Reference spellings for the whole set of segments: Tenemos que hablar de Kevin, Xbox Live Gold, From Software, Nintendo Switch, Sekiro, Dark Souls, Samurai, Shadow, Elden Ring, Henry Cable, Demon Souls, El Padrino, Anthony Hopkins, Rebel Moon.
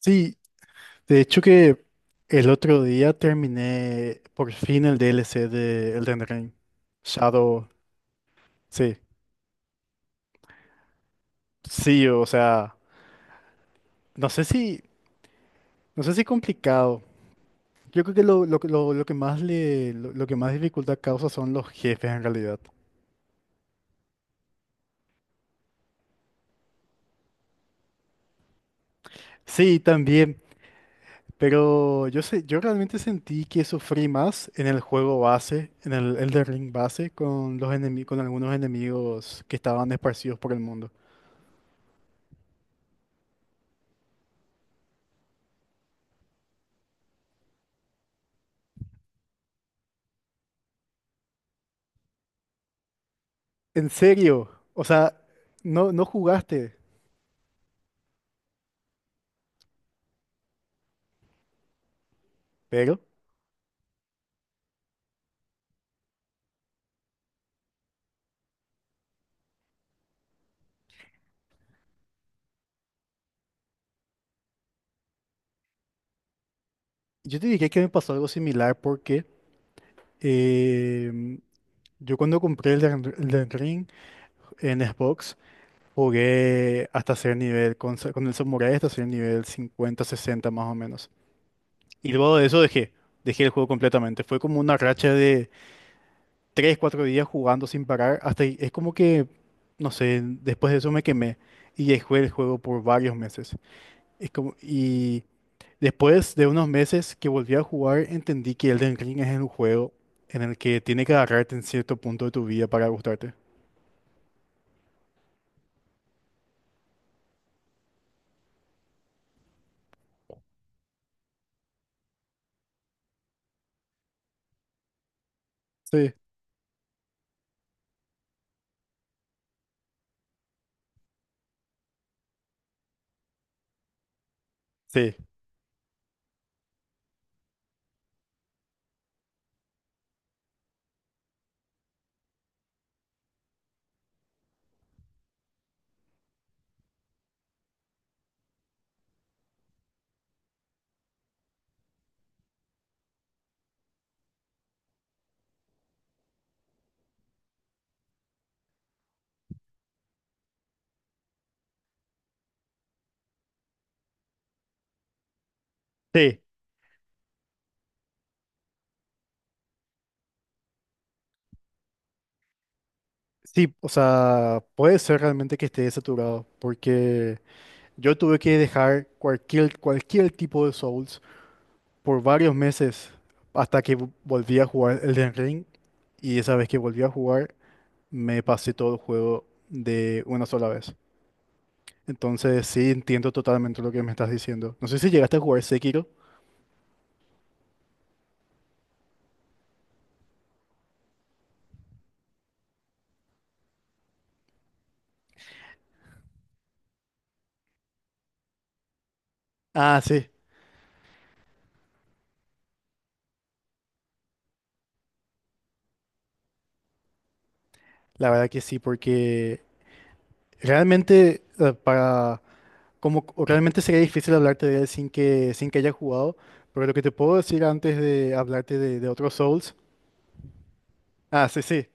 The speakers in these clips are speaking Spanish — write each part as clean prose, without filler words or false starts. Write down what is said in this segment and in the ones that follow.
Sí, de hecho que el otro día terminé por fin el DLC de Elden Ring Shadow. Sí, sí, o sea, no sé si, no sé si complicado. Yo creo que lo, que- lo que más le, lo que más dificultad causa son los jefes en realidad. Sí, también, pero yo sé, yo realmente sentí que sufrí más en el juego base, en el Elden Ring base, con los con algunos enemigos que estaban esparcidos por el mundo. ¿En serio? O sea, no, no jugaste, pero yo te dije que me pasó algo similar porque em, yo cuando compré el Elden Ring en Xbox jugué hasta ser nivel, con, con el Samurai hasta ser nivel 50 60 más o menos. Y luego de eso dejé el juego completamente. Fue como una racha de 3 4 días jugando sin parar, hasta es como que, no sé, después de eso me quemé y dejé el juego por varios meses. Es como, y… Después de unos meses que volví a jugar, entendí que Elden Ring es un juego en el que tiene que agarrarte en cierto punto de tu vida para gustarte. Sí, sí, sí, sí, o sea, puede ser realmente que esté saturado, porque yo tuve que dejar cualquier tipo de Souls por varios meses hasta que volví a jugar Elden Ring, y esa vez que volví a jugar, me pasé todo el juego de una sola vez. Entonces, sí, entiendo totalmente lo que me estás diciendo. No sé si llegaste a jugar Sekiro. Ah, sí, la verdad que sí, porque realmente para como o realmente sería difícil hablarte de él sin que haya jugado, pero lo que te puedo decir antes de hablarte de otros Souls, ah, sí, sí.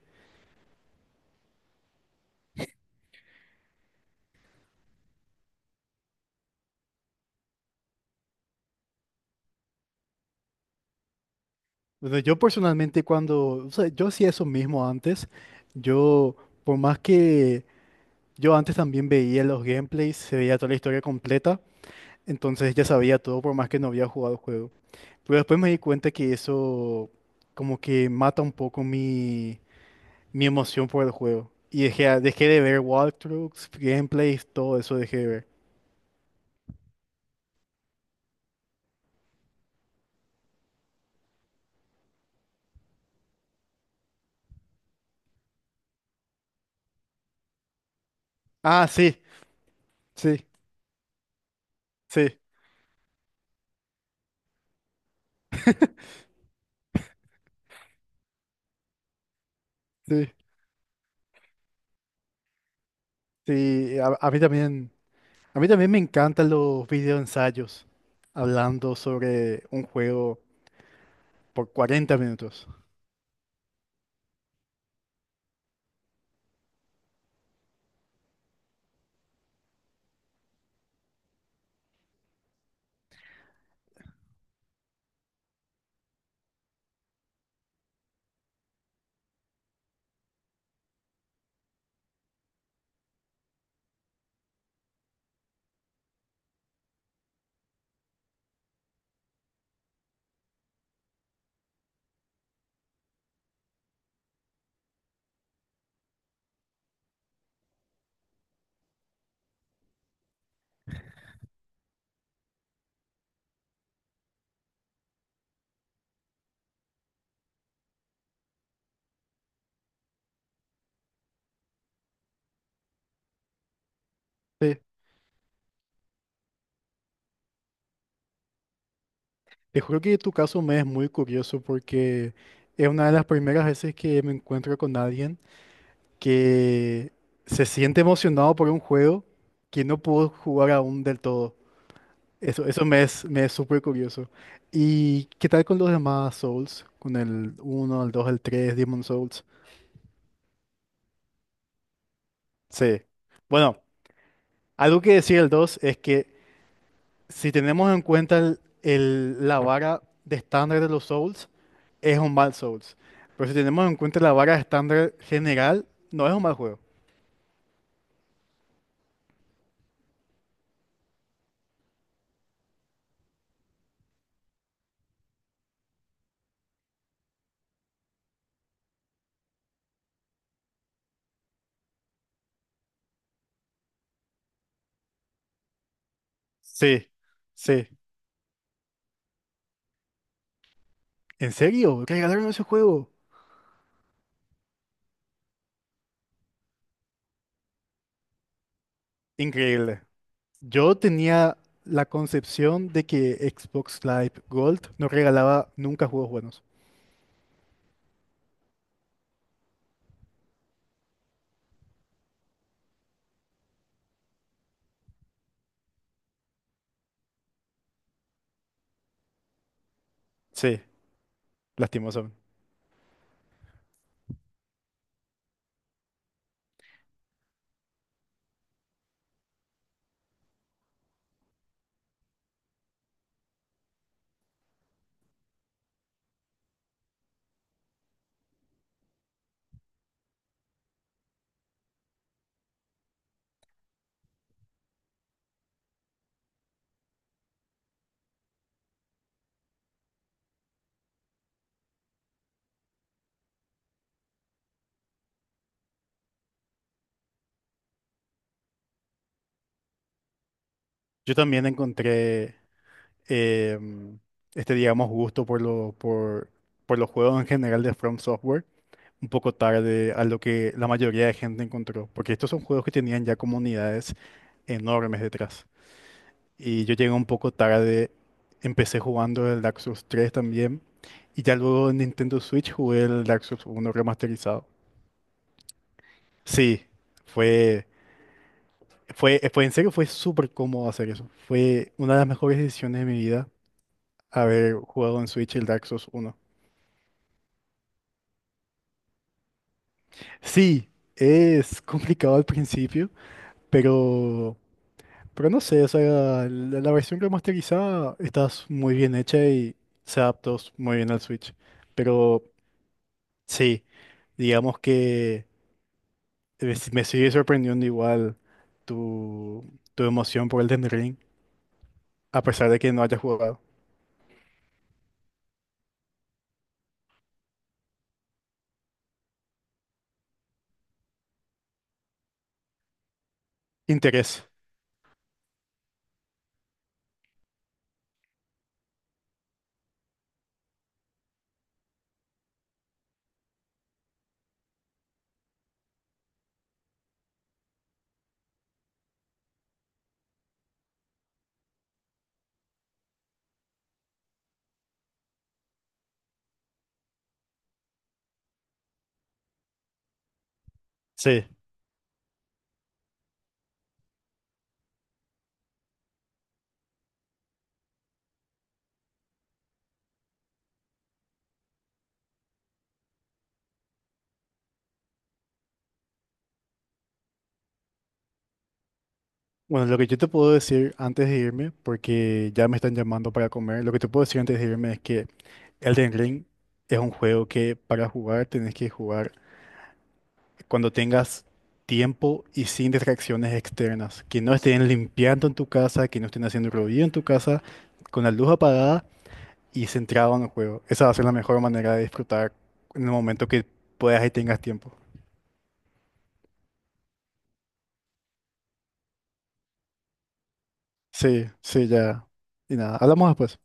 Bueno, yo personalmente cuando, o sea, yo hacía eso mismo antes, yo por más que yo antes también veía los gameplays, se veía toda la historia completa, entonces ya sabía todo por más que no había jugado el juego. Pero después me di cuenta que eso como que mata un poco mi emoción por el juego. Y dejé de ver walkthroughs, gameplays, todo eso dejé de ver. Ah, sí, sí, sí, sí, sí. A mí también me encantan los videoensayos hablando sobre un juego por 40 minutos. Sí, te juro que tu caso me es muy curioso porque es una de las primeras veces que me encuentro con alguien que se siente emocionado por un juego que no pudo jugar aún del todo. Eso me es súper curioso. ¿Y qué tal con los demás Souls? Con el uno, el dos, el tres, Demon Souls. Sí. Bueno, algo que decir el 2 es que si tenemos en cuenta la vara de estándar de los Souls, es un mal Souls. Pero si tenemos en cuenta la vara de estándar general, no es un mal juego. Sí, sí. ¿En serio? ¿Regalaron ese juego? Increíble. Yo tenía la concepción de que Xbox Live Gold no regalaba nunca juegos buenos. Sí, lastimosamente. Yo también encontré em, este, digamos, gusto por los juegos en general de From Software un poco tarde a lo que la mayoría de gente encontró, porque estos son juegos que tenían ya comunidades enormes detrás. Y yo llegué un poco tarde, empecé jugando el Dark Souls 3 también, y ya luego en Nintendo Switch jugué el Dark Souls 1 remasterizado. Sí, fue, fue en serio, fue súper cómodo hacer eso. Fue una de las mejores decisiones de mi vida haber jugado en Switch el Dark Souls uno. Sí, es complicado al principio, pero, pero no sé, o sea, la versión remasterizada está muy bien hecha y se adaptó muy bien al Switch. Pero sí, digamos que me sigue sorprendiendo igual tu, tu emoción por el Elden Ring, a pesar de que no haya jugado. Interés. Sí. Bueno, lo que yo te puedo decir antes de irme, porque ya me están llamando para comer, lo que te puedo decir antes de irme es que Elden Ring es un juego que para jugar tenés que jugar cuando tengas tiempo y sin distracciones externas, que no estén limpiando en tu casa, que no estén haciendo ruido en tu casa, con la luz apagada y centrado en el juego. Esa va a ser la mejor manera de disfrutar en el momento que puedas y tengas tiempo. Sí, sí, ya. Y nada, hablamos después.